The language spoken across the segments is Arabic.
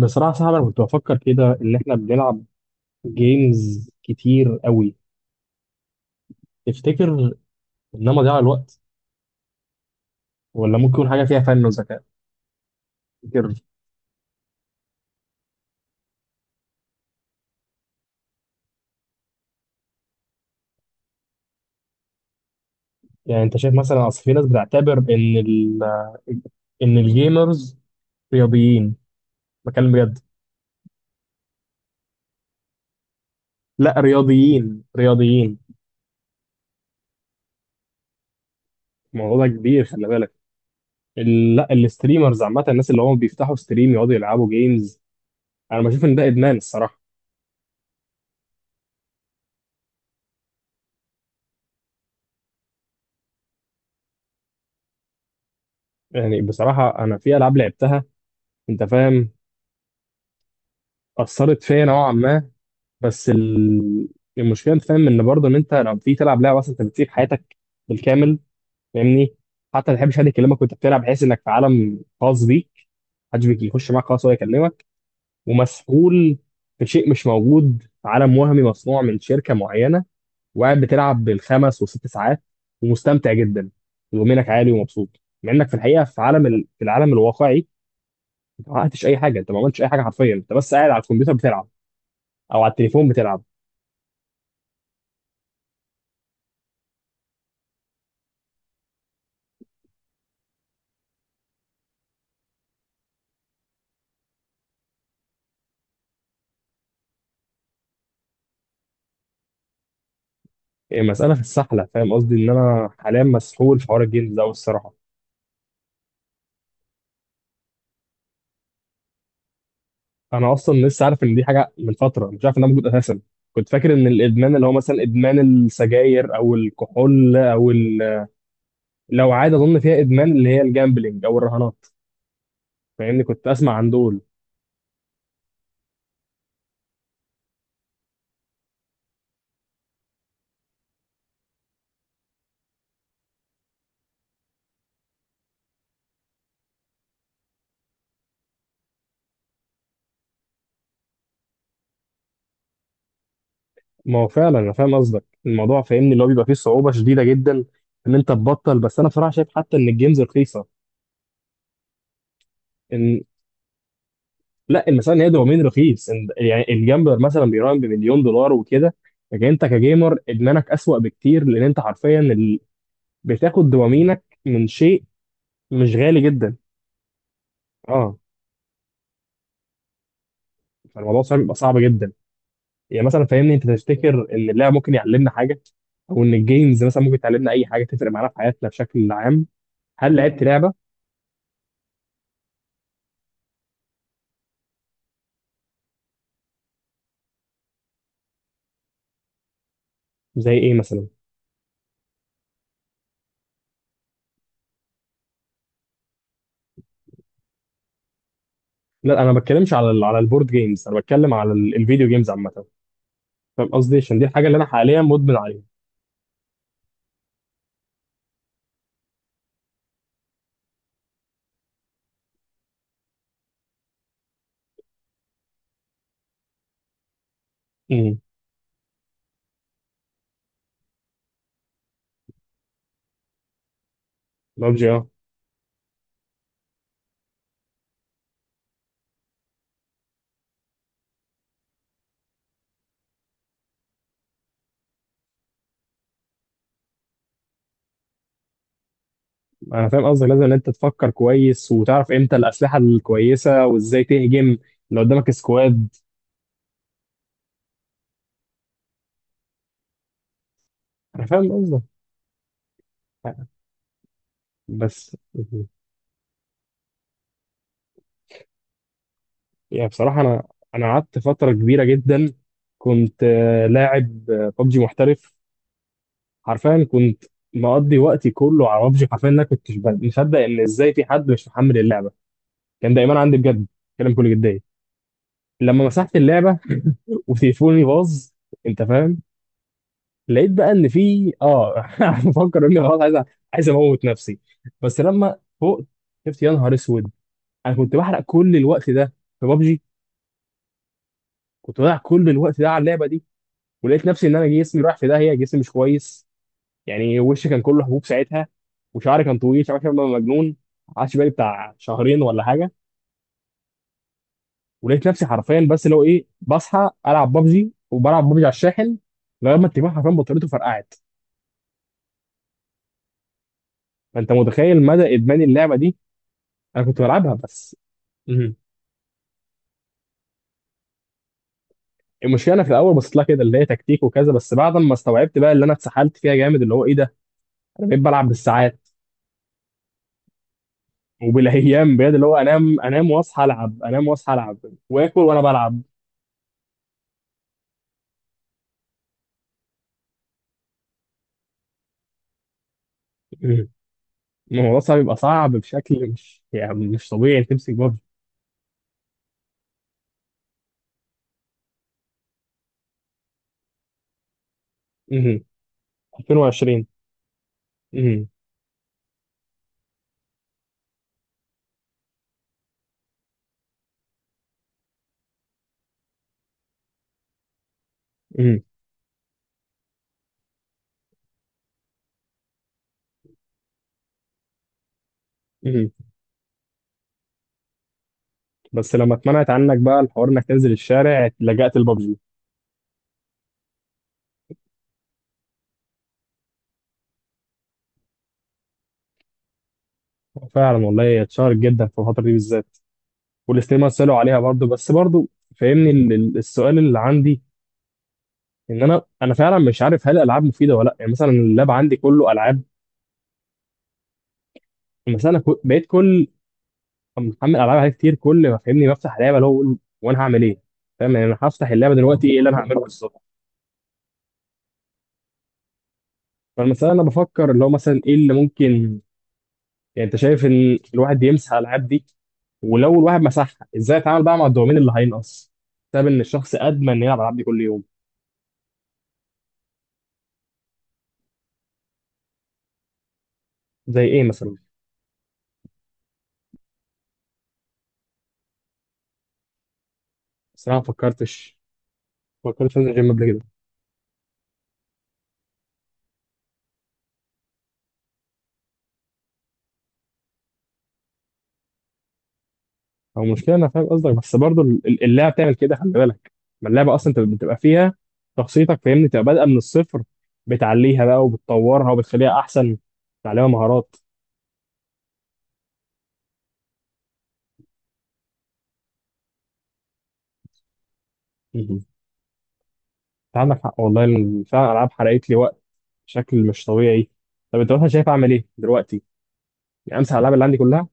بصراحة صعب. أنا كنت بفكر كده إن إحنا بنلعب جيمز كتير قوي. تفتكر إنها مضيعة الوقت؟ ولا ممكن يكون حاجة فيها فن وذكاء؟ تفتكر؟ يعني أنت شايف مثلا، أصل في ناس بتعتبر إن إن الجيمرز رياضيين، بكلم بجد. لا رياضيين رياضيين. الموضوع ده كبير، خلي بالك. لا الستريمرز، عامة الناس اللي هم بيفتحوا ستريم يقعدوا يلعبوا جيمز. أنا بشوف إن ده إدمان الصراحة. يعني بصراحة أنا في ألعاب لعبتها، أنت فاهم، أثرت فيا نوعا ما. بس المشكله انت فاهم ان برضه ان انت لما بتيجي تلعب لعبه اصلا انت بتسيب حياتك بالكامل، فاهمني. حتى ما تحبش حد يكلمك وانت بتلعب، بحيث انك في عالم خاص بيك، محدش بيخش معاك خالص ولا يكلمك. ومسؤول في شيء مش موجود، في عالم وهمي مصنوع من شركه معينه، وقاعد بتلعب بالخمس وست ساعات ومستمتع جدا ومنك عالي ومبسوط، مع انك في الحقيقه في العالم الواقعي، انت ما حققتش اي حاجه، انت ما عملتش اي حاجه، حرفيا انت بس قاعد على الكمبيوتر بتلعب او على التليفون بتلعب. إيه، مسألة في السحلة، فاهم قصدي؟ إن أنا حاليا مسحول في حوار الجيمز ده أوي الصراحة. أنا أصلا لسه عارف إن دي حاجة من فترة، مش عارف إنها موجود أساسا. كنت فاكر إن الإدمان اللي هو مثلا إدمان السجاير أو الكحول لو عادة أظن فيها إدمان، اللي هي الجامبلينج أو الرهانات، فاهمني كنت أسمع عن دول. ما هو فعلا أنا فاهم قصدك، الموضوع فاهمني اللي هو بيبقى فيه صعوبة شديدة جدا إن أنت تبطل، بس أنا بصراحة شايف حتى إن الجيمز رخيصة. إن لا، المسألة ان هي دوبامين رخيص، يعني الجامبر مثلا بيراهن بمليون دولار وكده. لكن انت كجيمر ادمانك اسوأ بكتير، لان انت حرفيا بتاخد دوبامينك من شيء مش غالي جدا. اه، فالموضوع صعب، بيبقى صعب جدا. يعني مثلا فاهمني، انت تفتكر ان اللعب ممكن يعلمنا حاجة؟ او ان الجيمز مثلا ممكن تعلمنا اي حاجة تفرق معانا في حياتنا بشكل عام؟ هل لعبت لعبة؟ زي ايه مثلا؟ لا انا ما بتكلمش على البورد جيمز، انا بتكلم على الفيديو جيمز عامة، فاهم قصدي؟ عشان دي الحاجة اللي انا حاليا مدمن عليها. امم. ببجي. انا فاهم قصدك، لازم ان انت تفكر كويس وتعرف امتى الاسلحه الكويسه وازاي تهجم لو قدامك سكواد. انا فاهم قصدك بس. يعني بصراحه انا قعدت فتره كبيره جدا. كنت لاعب ببجي محترف. حرفيا كنت مقضي وقتي كله على ببجي، حرفيا انا كنت مصدق ان ازاي في حد مش محمل اللعبه. كان دايما عندي بجد كلام كل جديه. لما مسحت اللعبه وتليفوني باظ، انت فاهم، لقيت بقى ان في بفكر اني خلاص عايز اموت نفسي. بس لما فوقت شفت يا نهار اسود، انا كنت بحرق كل الوقت ده في بابجي، كنت بضيع كل الوقت ده على اللعبه دي. ولقيت نفسي ان انا جسمي رايح في داهيه، جسمي مش كويس. يعني وشي كان كله حبوب ساعتها، وشعري كان طويل، شعري شبه مجنون. قعدت بالي بتاع شهرين ولا حاجه، ولقيت نفسي حرفيا بس اللي هو ايه، بصحى العب بابجي وبلعب بابجي على الشاحن لغايه ما التليفون حرفيا بطاريته فرقعت. فانت متخيل مدى ادمان اللعبه دي. انا كنت بلعبها بس. مم. المشكله انا في الاول بصيت لها كده، اللي هي تكتيك وكذا، بس بعد ما استوعبت بقى اللي انا اتسحلت فيها جامد، اللي هو ايه ده، انا بقيت بلعب بالساعات وبالايام، بجد اللي هو انام انام واصحى العب، انام واصحى العب واكل وانا بلعب. مم. الموضوع صعب، بيبقى صعب بشكل مش، يعني مش طبيعي، إنك تمسك بابجي. مهم. 2020. مهم. مهم. مهم. بس لما اتمنعت عنك بقى الحوار انك تنزل الشارع، لجأت لبابجي. فعلا والله اتشهرت جدا في الفتره دي بالذات، والاثنين مثلوا عليها برضو، بس برضو فاهمني، السؤال اللي عندي، ان انا فعلا مش عارف هل الالعاب مفيده ولا لا. يعني مثلا اللاب عندي كله العاب، مثلا انا بقيت كل أما محمل العاب عليه كتير، كل ما فاهمني بفتح لعبه اللي هو بقول وانا هعمل ايه؟ فاهم يعني؟ انا هفتح اللعبه دلوقتي ايه اللي انا هعمله بالظبط؟ فالمساله انا بفكر اللي هو مثلا ايه اللي ممكن، يعني انت شايف ان الواحد يمسح الالعاب دي؟ ولو الواحد مسحها، ازاي اتعامل بقى مع الدوبامين اللي هينقص بسبب ان الشخص ادمن إنه يلعب العاب دي كل يوم؟ زي ايه مثلا؟ بس انا ما فكرتش انزل جيم قبل كده. هو المشكله انا فاهم قصدك، بس برضو اللعبه بتعمل كده خلي بالك. ما اللعبه اصلا انت بتبقى فيها شخصيتك فاهمني، تبقى بادئه من الصفر، بتعليها بقى وبتطورها وبتخليها احسن، تعلمها مهارات. مهم. انت عندك حق والله، فعلا الالعاب حرقت لي وقت بشكل مش طبيعي. طب انت مثلا شايف اعمل ايه دلوقتي؟ يعني امسح الالعاب اللي عندي كلها؟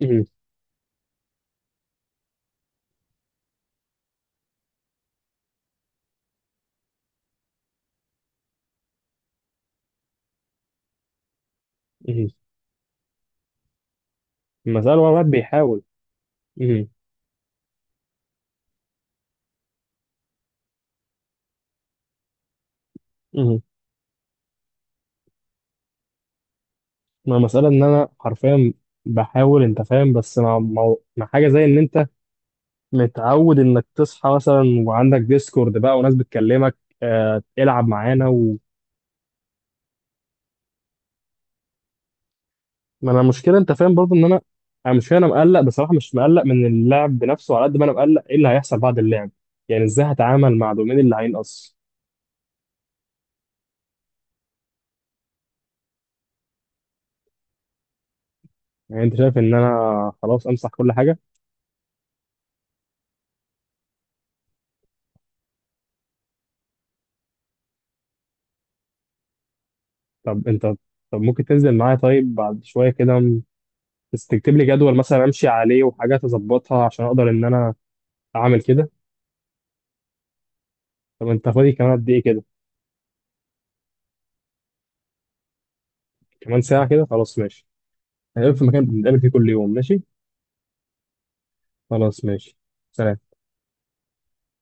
مهم. مهم. المساله هو الواحد بيحاول. مهم. مهم. ما المساله ان انا حرفيا بحاول، انت فاهم، بس مع حاجه زي ان انت متعود انك تصحى مثلا وعندك ديسكورد بقى وناس بتكلمك، آه العب معانا و... ما انا المشكله انت فاهم برضو ان انا مش، انا مقلق بصراحه، مش مقلق من اللعب بنفسه على قد ما انا مقلق ايه اللي هيحصل بعد اللعب. يعني ازاي هتعامل مع دومين اللي هينقص؟ يعني انت شايف ان انا خلاص امسح كل حاجه؟ طب انت طب ممكن تنزل معايا طيب بعد شويه كده بس تكتب لي جدول مثلا امشي عليه وحاجات اظبطها عشان اقدر ان انا اعمل كده. طب انت فاضي كمان قد ايه كده؟ كمان ساعه كده خلاص ماشي. هنقابل في مكان بنتقابل فيه كل يوم، ماشي. خلاص ماشي. سلام.